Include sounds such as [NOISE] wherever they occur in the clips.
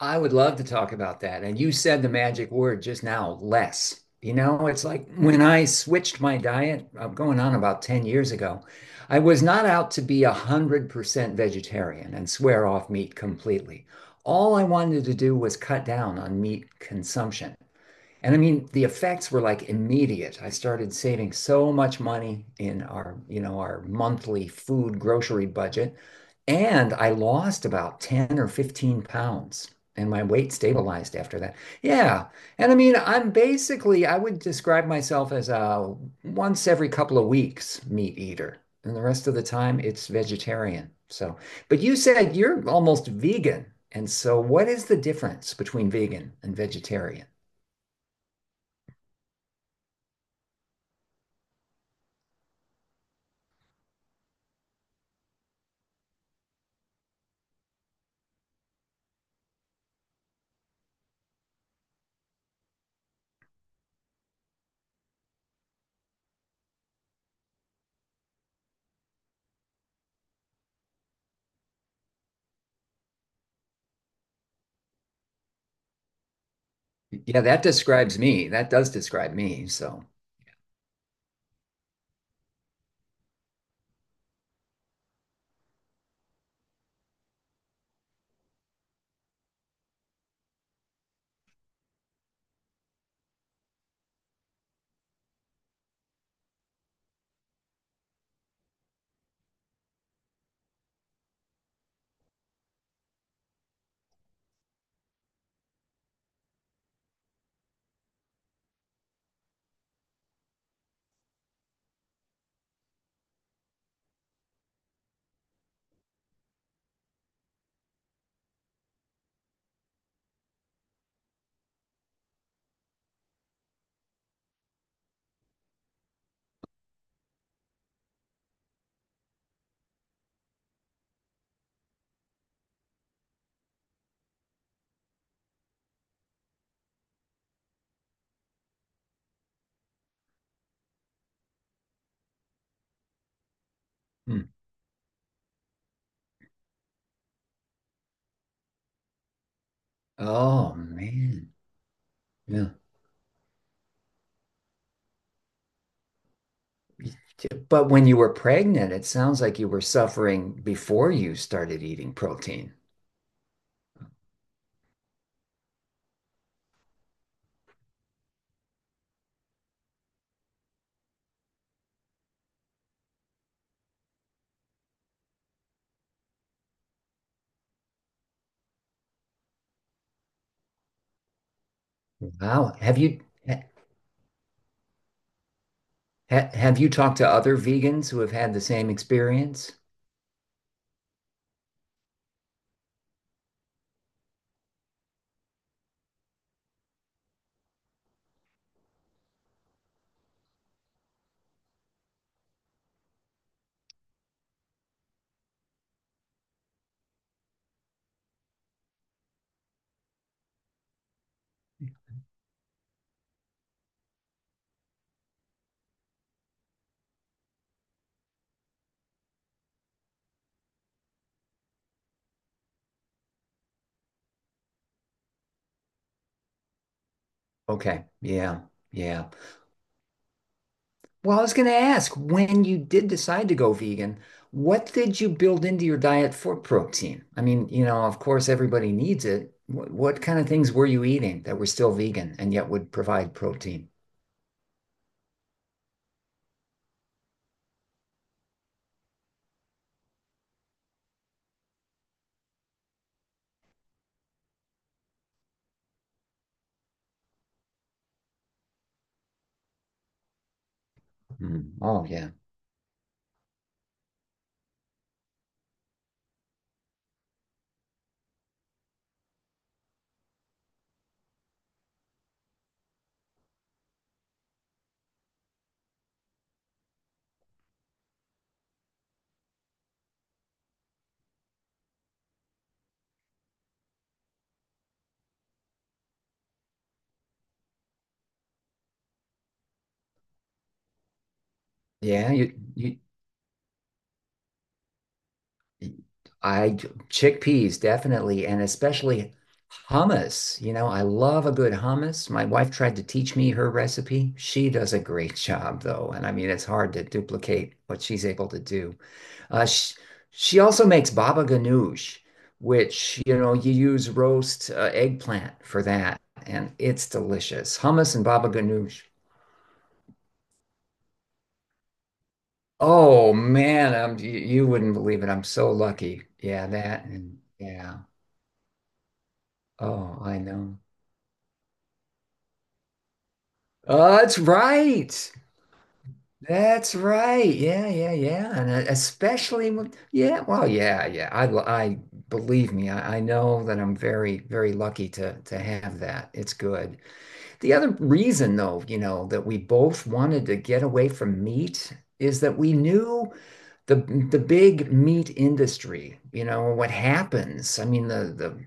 I would love to talk about that. And you said the magic word just now, less. You know, it's like when I switched my diet, I'm going on about 10 years ago, I was not out to be 100% vegetarian and swear off meat completely. All I wanted to do was cut down on meat consumption. And I mean, the effects were like immediate. I started saving so much money in our, our monthly food grocery budget. And I lost about 10 or 15 pounds. And my weight stabilized after that. Yeah. And I mean, I'm basically, I would describe myself as a once every couple of weeks meat eater. And the rest of the time, it's vegetarian. So, but you said you're almost vegan. And so, what is the difference between vegan and vegetarian? Yeah, that describes me. That does describe me. So, hmm. Oh man. Yeah. But when you were pregnant, it sounds like you were suffering before you started eating protein. Wow. Have you ha have you talked to other vegans who have had the same experience? Okay. Yeah. Yeah. Well, I was going to ask, when you did decide to go vegan, what did you build into your diet for protein? I mean, you know, of course, everybody needs it. What kind of things were you eating that were still vegan and yet would provide protein? Mm. Oh, yeah. Yeah, I, chickpeas, definitely, and especially hummus. You know, I love a good hummus. My wife tried to teach me her recipe. She does a great job, though, and I mean, it's hard to duplicate what she's able to do. Uh, she, she also makes baba ganoush, which, you know, you use roast eggplant for that, and it's delicious. Hummus and baba ganoush. Oh man, you, you wouldn't believe it. I'm so lucky. Yeah, that and yeah. Oh, I know. Oh, that's right. That's right. Yeah, yeah, yeah. And especially with, yeah, well, yeah, yeah. I believe me, I know that I'm very, very lucky to have that. It's good. The other reason, though, you know, that we both wanted to get away from meat is that we knew the the big meat industry, you know, what happens. I mean,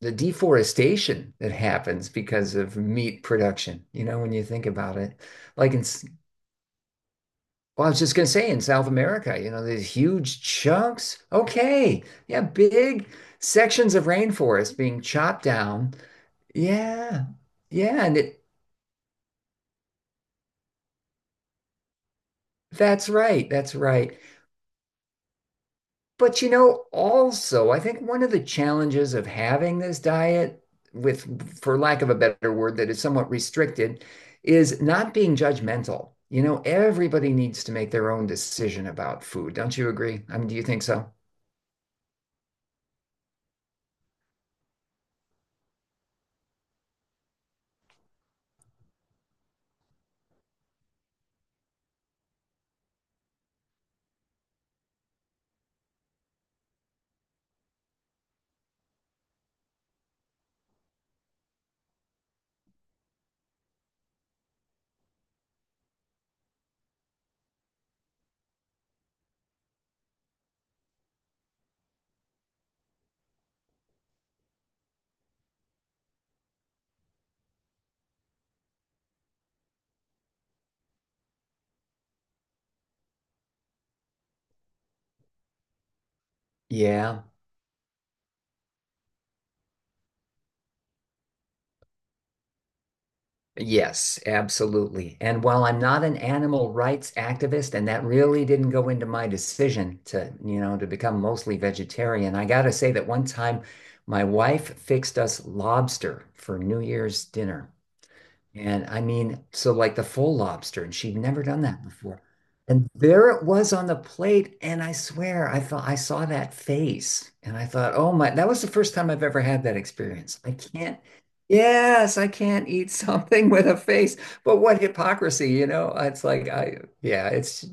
the deforestation that happens because of meat production, you know, when you think about it. Like in well, I was just gonna say in South America, you know, these huge chunks. Okay. Yeah, big sections of rainforest being chopped down. Yeah. Yeah, and it that's right. That's right. But you know, also, I think one of the challenges of having this diet with, for lack of a better word, that is somewhat restricted, is not being judgmental. You know, everybody needs to make their own decision about food. Don't you agree? I mean, do you think so? Yeah. Yes, absolutely. And while I'm not an animal rights activist, and that really didn't go into my decision to, you know, to become mostly vegetarian, I gotta say that one time my wife fixed us lobster for New Year's dinner. And I mean, so like the full lobster, and she'd never done that before. And there it was on the plate, and I swear I thought I saw that face, and I thought, oh my, that was the first time I've ever had that experience. I can't, yes, I can't eat [LAUGHS] something with a face, but what hypocrisy, you know? It's like I, yeah, it's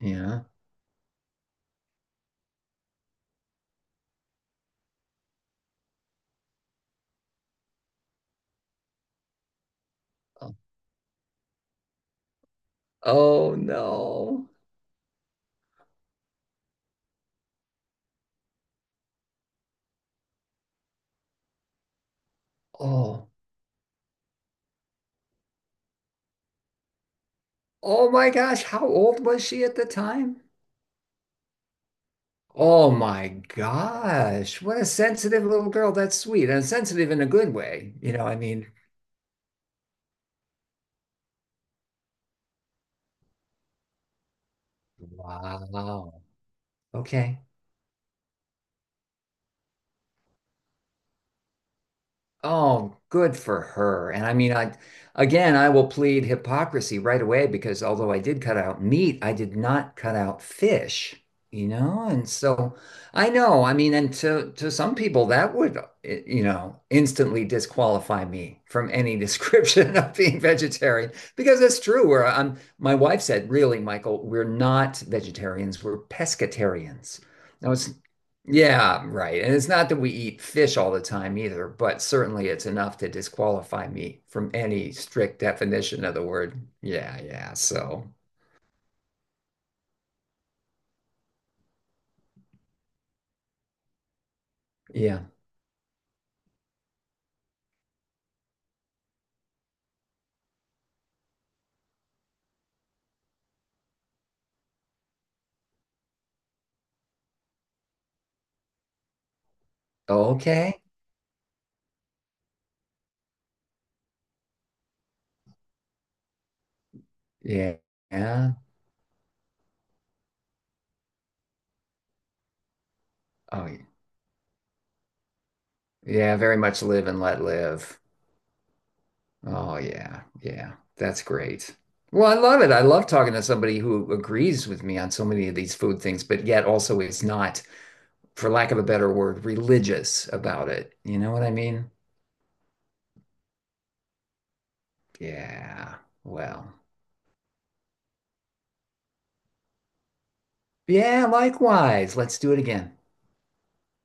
yeah. Oh no. Oh, oh my gosh, how old was she at the time? Oh my gosh. What a sensitive little girl. That's sweet and sensitive in a good way. You know, I mean, wow. Okay. Oh, good for her. And I mean, I again, I will plead hypocrisy right away because although I did cut out meat, I did not cut out fish, you know? And so I know, I mean, and to some people that would, eh, you know, instantly disqualify me from any description [LAUGHS] of being vegetarian because it's true. My wife said, really, Michael, we're not vegetarians, we're pescatarians. Now, it's yeah, right. And it's not that we eat fish all the time either, but certainly it's enough to disqualify me from any strict definition of the word. Yeah, yeah. So, yeah. Okay. Yeah. Yeah. Oh, yeah. Yeah, very much live and let live. Oh, yeah. Yeah. That's great. Well, I love it. I love talking to somebody who agrees with me on so many of these food things, but yet also is not, for lack of a better word, religious about it. You know what I mean? Yeah. Well. Yeah, likewise. Let's do it again.